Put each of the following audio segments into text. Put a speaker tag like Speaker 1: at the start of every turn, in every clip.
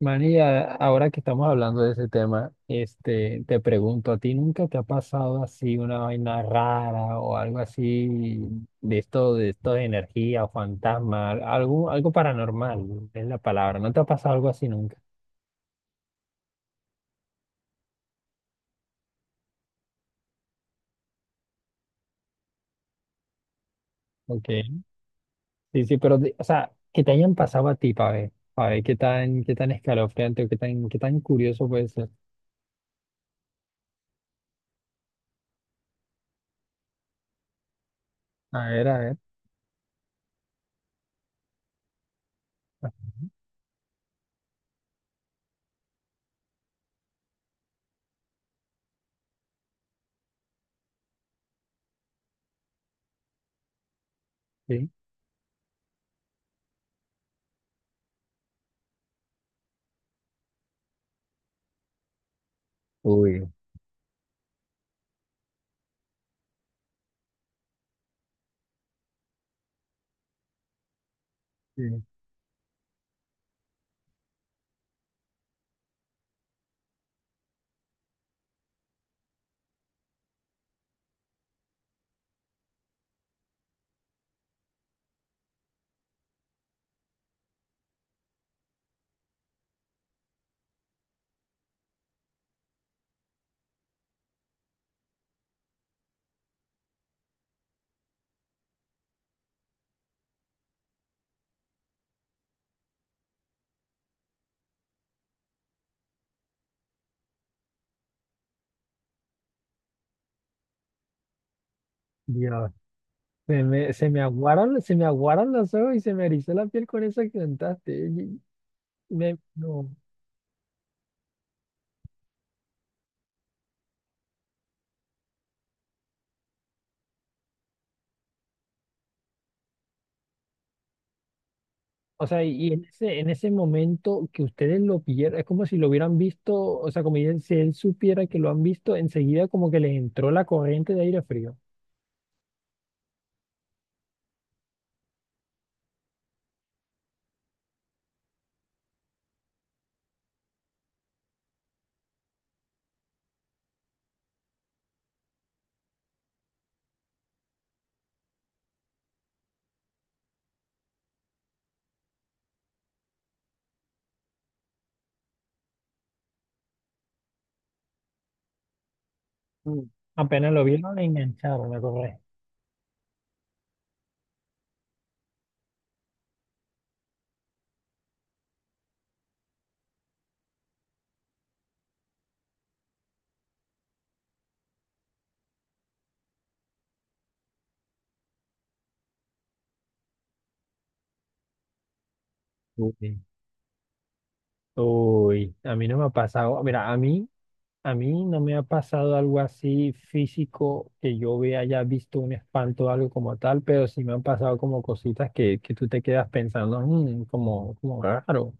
Speaker 1: Manny, ahora que estamos hablando de ese tema, te pregunto, ¿a ti nunca te ha pasado así una vaina rara o algo así de esto, de energía o fantasma, algo, algo paranormal, es la palabra? ¿No te ha pasado algo así nunca? Ok, sí, sí, pero, o sea, que te hayan pasado a ti, para ver qué tan escalofriante o qué tan curioso puede ser. A ver, así. Uy. Sí. Dios. Se me aguaron los ojos y se me erizó la piel con eso que cantaste. No. O sea, y en ese momento que ustedes lo vieran, es como si lo hubieran visto, o sea, si él supiera que lo han visto, enseguida como que les entró la corriente de aire frío. Mm. Apenas lo vieron, le engancharon la corriente. Uy, uy, a mí no me ha pasado. Mira, a mí. A mí no me ha pasado algo así físico que yo vea, haya visto un espanto o algo como tal, pero sí me han pasado como cositas que tú te quedas pensando, "Mm, como, como raro".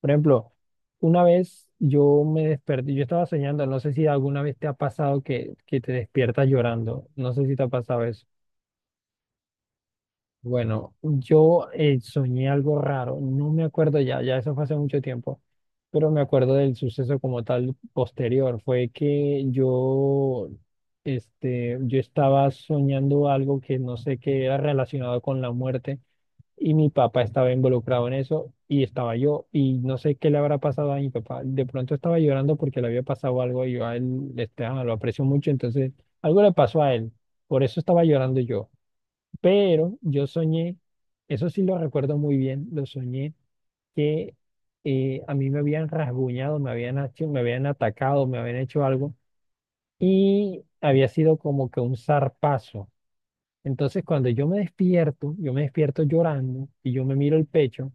Speaker 1: Por ejemplo, una vez yo me desperté, yo estaba soñando, no sé si alguna vez te ha pasado que te despiertas llorando, no sé si te ha pasado eso. Bueno, yo soñé algo raro, no me acuerdo ya, ya eso fue hace mucho tiempo, pero me acuerdo del suceso como tal posterior. Fue que yo, yo estaba soñando algo que no sé qué era relacionado con la muerte y mi papá estaba involucrado en eso y estaba yo y no sé qué le habrá pasado a mi papá. De pronto estaba llorando porque le había pasado algo y yo a él, lo aprecio mucho, entonces algo le pasó a él, por eso estaba llorando yo. Pero yo soñé, eso sí lo recuerdo muy bien, lo soñé que a mí me habían rasguñado, me habían atacado, me habían hecho algo y había sido como que un zarpazo. Entonces cuando yo me despierto llorando y yo me miro el pecho,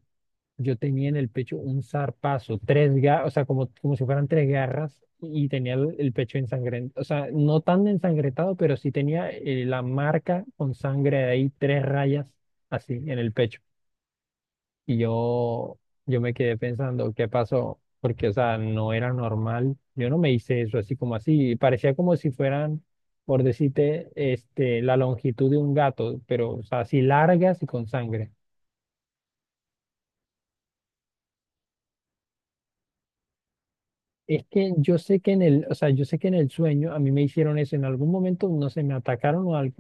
Speaker 1: yo tenía en el pecho un zarpazo, tres garras, o sea, como, como si fueran tres garras y tenía el pecho ensangrentado, o sea, no tan ensangrentado, pero sí tenía la marca con sangre de ahí, tres rayas así en el pecho. Y yo, yo me quedé pensando, ¿qué pasó? Porque, o sea, no era normal. Yo no me hice eso así como así. Parecía como si fueran, por decirte, la longitud de un gato, pero, o sea, así largas y con sangre. Es que yo sé que en el, o sea, yo sé que en el sueño a mí me hicieron eso, en algún momento no sé, me atacaron o algo,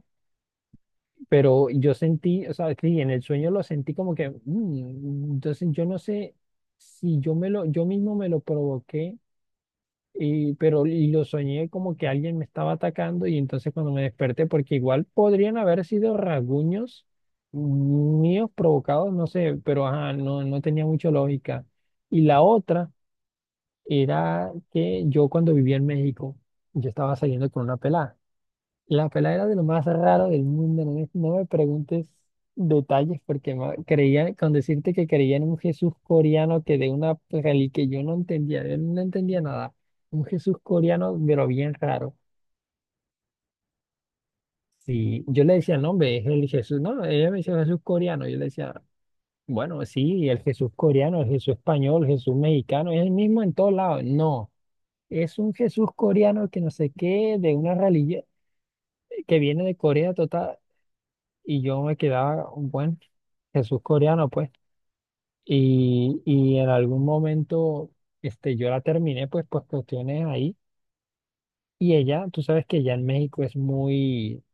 Speaker 1: pero yo sentí, o sea, sí, en el sueño lo sentí como que, mm, entonces yo no sé si yo mismo me lo provoqué, pero y lo soñé como que alguien me estaba atacando y entonces cuando me desperté, porque igual podrían haber sido rasguños míos provocados, no sé, pero ajá, no, no tenía mucha lógica. Y la otra era que yo cuando vivía en México, yo estaba saliendo con una pelada. La pelada era de lo más raro del mundo, no me preguntes detalles porque creía, con decirte que creía en un Jesús coreano que de una religión que yo no entendía nada. Un Jesús coreano, pero bien raro. Sí, yo le decía, no, hombre, es el Jesús. No, ella me decía Jesús coreano. Yo le decía, bueno, sí, el Jesús coreano, el Jesús español, el Jesús mexicano, es el mismo en todos lados. No. Es un Jesús coreano que no sé qué, de una religión que viene de Corea total. Y yo me quedaba un buen Jesús coreano, pues. Y en algún momento yo la terminé, pues, por cuestiones ahí. Y ella, tú sabes que ya en México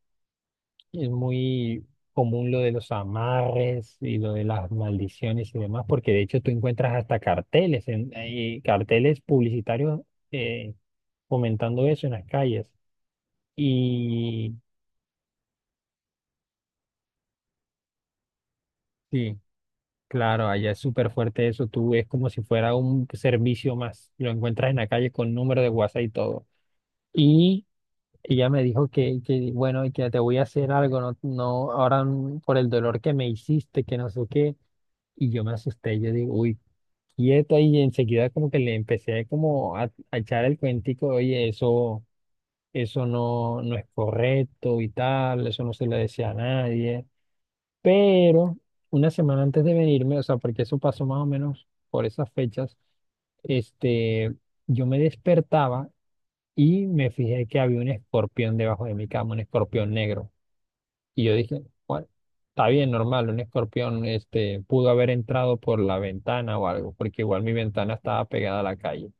Speaker 1: es muy común lo de los amarres y lo de las maldiciones y demás, porque de hecho tú encuentras hasta carteles, carteles publicitarios eh, comentando eso en las calles. Y sí, claro, allá es súper fuerte eso, tú, es como si fuera un servicio más, lo encuentras en la calle con número de WhatsApp y todo. Y ella me dijo que bueno, y que te voy a hacer algo, no, no, ahora mm, por el dolor que me hiciste, que no sé qué, y yo me asusté, yo digo, uy, quieto, y enseguida como que le empecé como a echar el cuentico, oye, eso no, no es correcto y tal, eso no se le decía a nadie. Pero una semana antes de venirme, o sea, porque eso pasó más o menos por esas fechas, este, yo me despertaba y me fijé que había un escorpión debajo de mi cama, un escorpión negro. Y yo dije, bueno, está bien, normal, un escorpión, pudo haber entrado por la ventana o algo, porque igual mi ventana estaba pegada a la calle.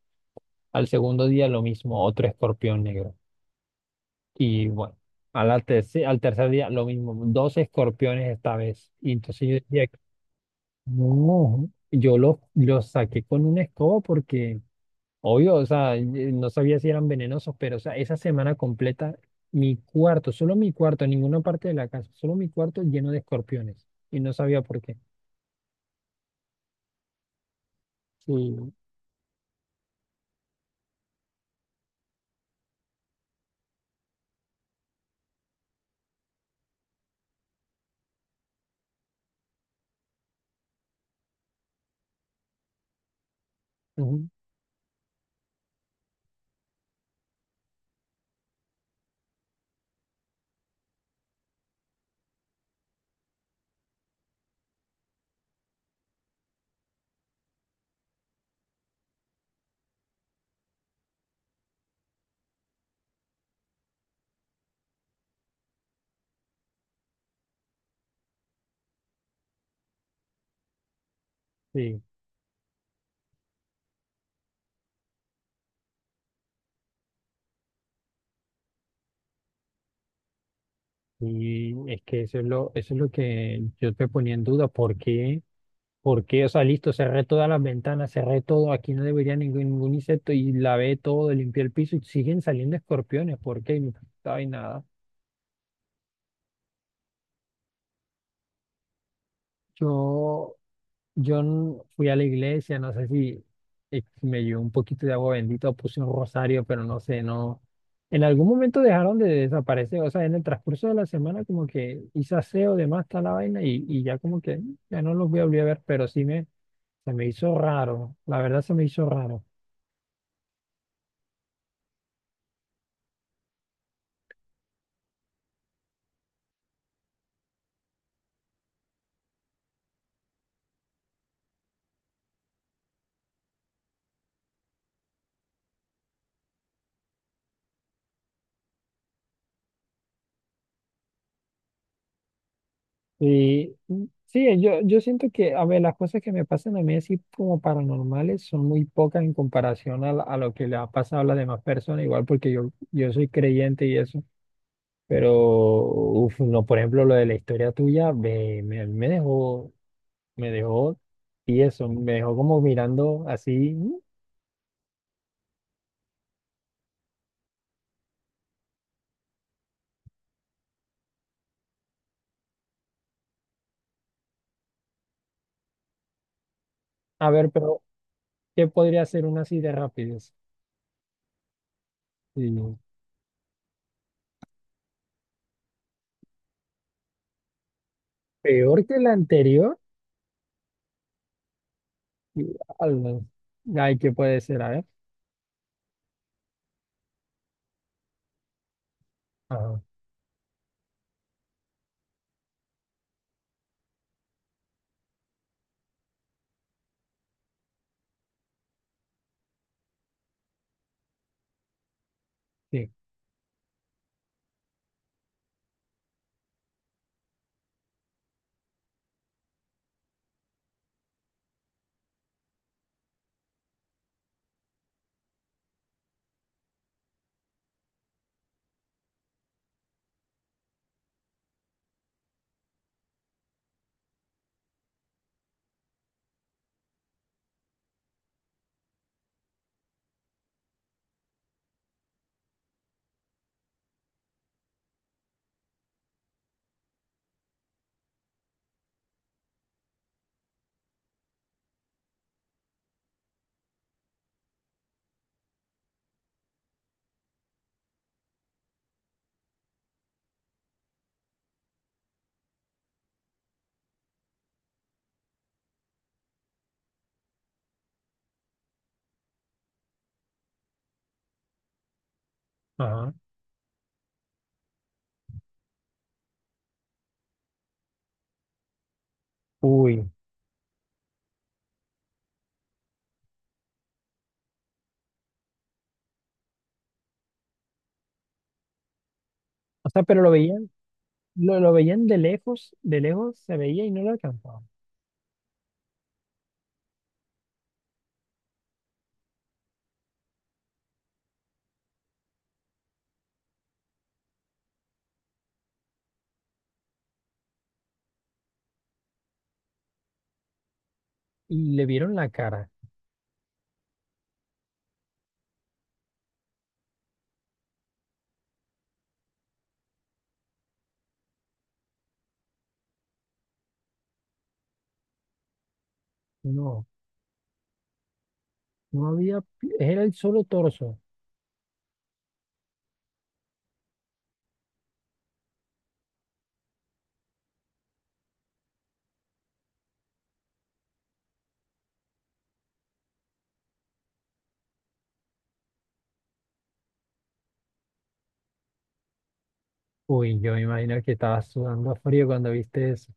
Speaker 1: Al segundo día lo mismo, otro escorpión negro. Y bueno, al tercer día lo mismo, dos escorpiones esta vez. Y entonces yo decía, no, yo los lo saqué con una escoba porque, obvio, o sea, no sabía si eran venenosos, pero, o sea, esa semana completa, mi cuarto, solo mi cuarto, ninguna parte de la casa, solo mi cuarto lleno de escorpiones. Y no sabía por qué. Sí, ujú, sí. Y es que eso es lo que yo te ponía en duda. ¿Por qué? ¿Por qué? O sea, listo, cerré todas las ventanas, cerré todo, aquí no debería ningún, ningún insecto y lavé todo, limpié el piso y siguen saliendo escorpiones. ¿Por qué? Y no hay nada. Yo, fui a la iglesia, no sé si si me llevó un poquito de agua bendita o puse un rosario, pero no sé, no. En algún momento dejaron de desaparecer, o sea, en el transcurso de la semana como que hice aseo, demás, tal la vaina y ya como que mm, ya no los voy a volver a ver, pero se me hizo raro, la verdad se me hizo raro. Sí, sí, yo siento que, a ver, las cosas que me pasan a mí así como paranormales son muy pocas en comparación a, a lo que le ha pasado a las demás personas, igual porque yo soy creyente y eso, pero, uf, no, por ejemplo, lo de la historia tuya me dejó, y eso, me dejó como mirando así, "Mm". A ver, pero, ¿qué podría ser una así de rapidez? Sí, peor que la anterior, y, al- ay, ¿qué puede ser? A ver, ajá, sí, ajá. Uy. O sea, pero lo veían, lo veían de lejos se veía y no lo alcanzaban. Y le vieron la cara. No, no había, era el solo torso. Uy, yo me imagino que estabas sudando a frío cuando viste eso.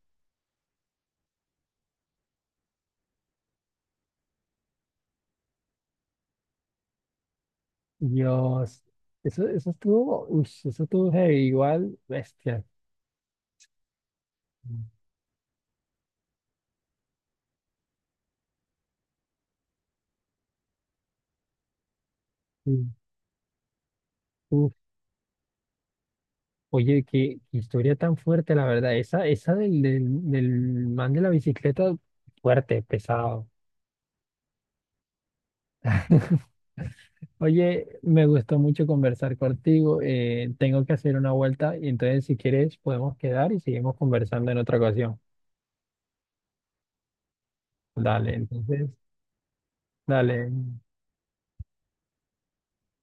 Speaker 1: Dios, eso estuvo, uy, eso estuvo heavy, igual, bestia. Sí. Uf, oye, qué qué historia tan fuerte, la verdad. Esa del man de la bicicleta, fuerte, pesado. Oye, me gustó mucho conversar contigo. Tengo que hacer una vuelta y entonces si quieres podemos quedar y seguimos conversando en otra ocasión. Dale, entonces, dale.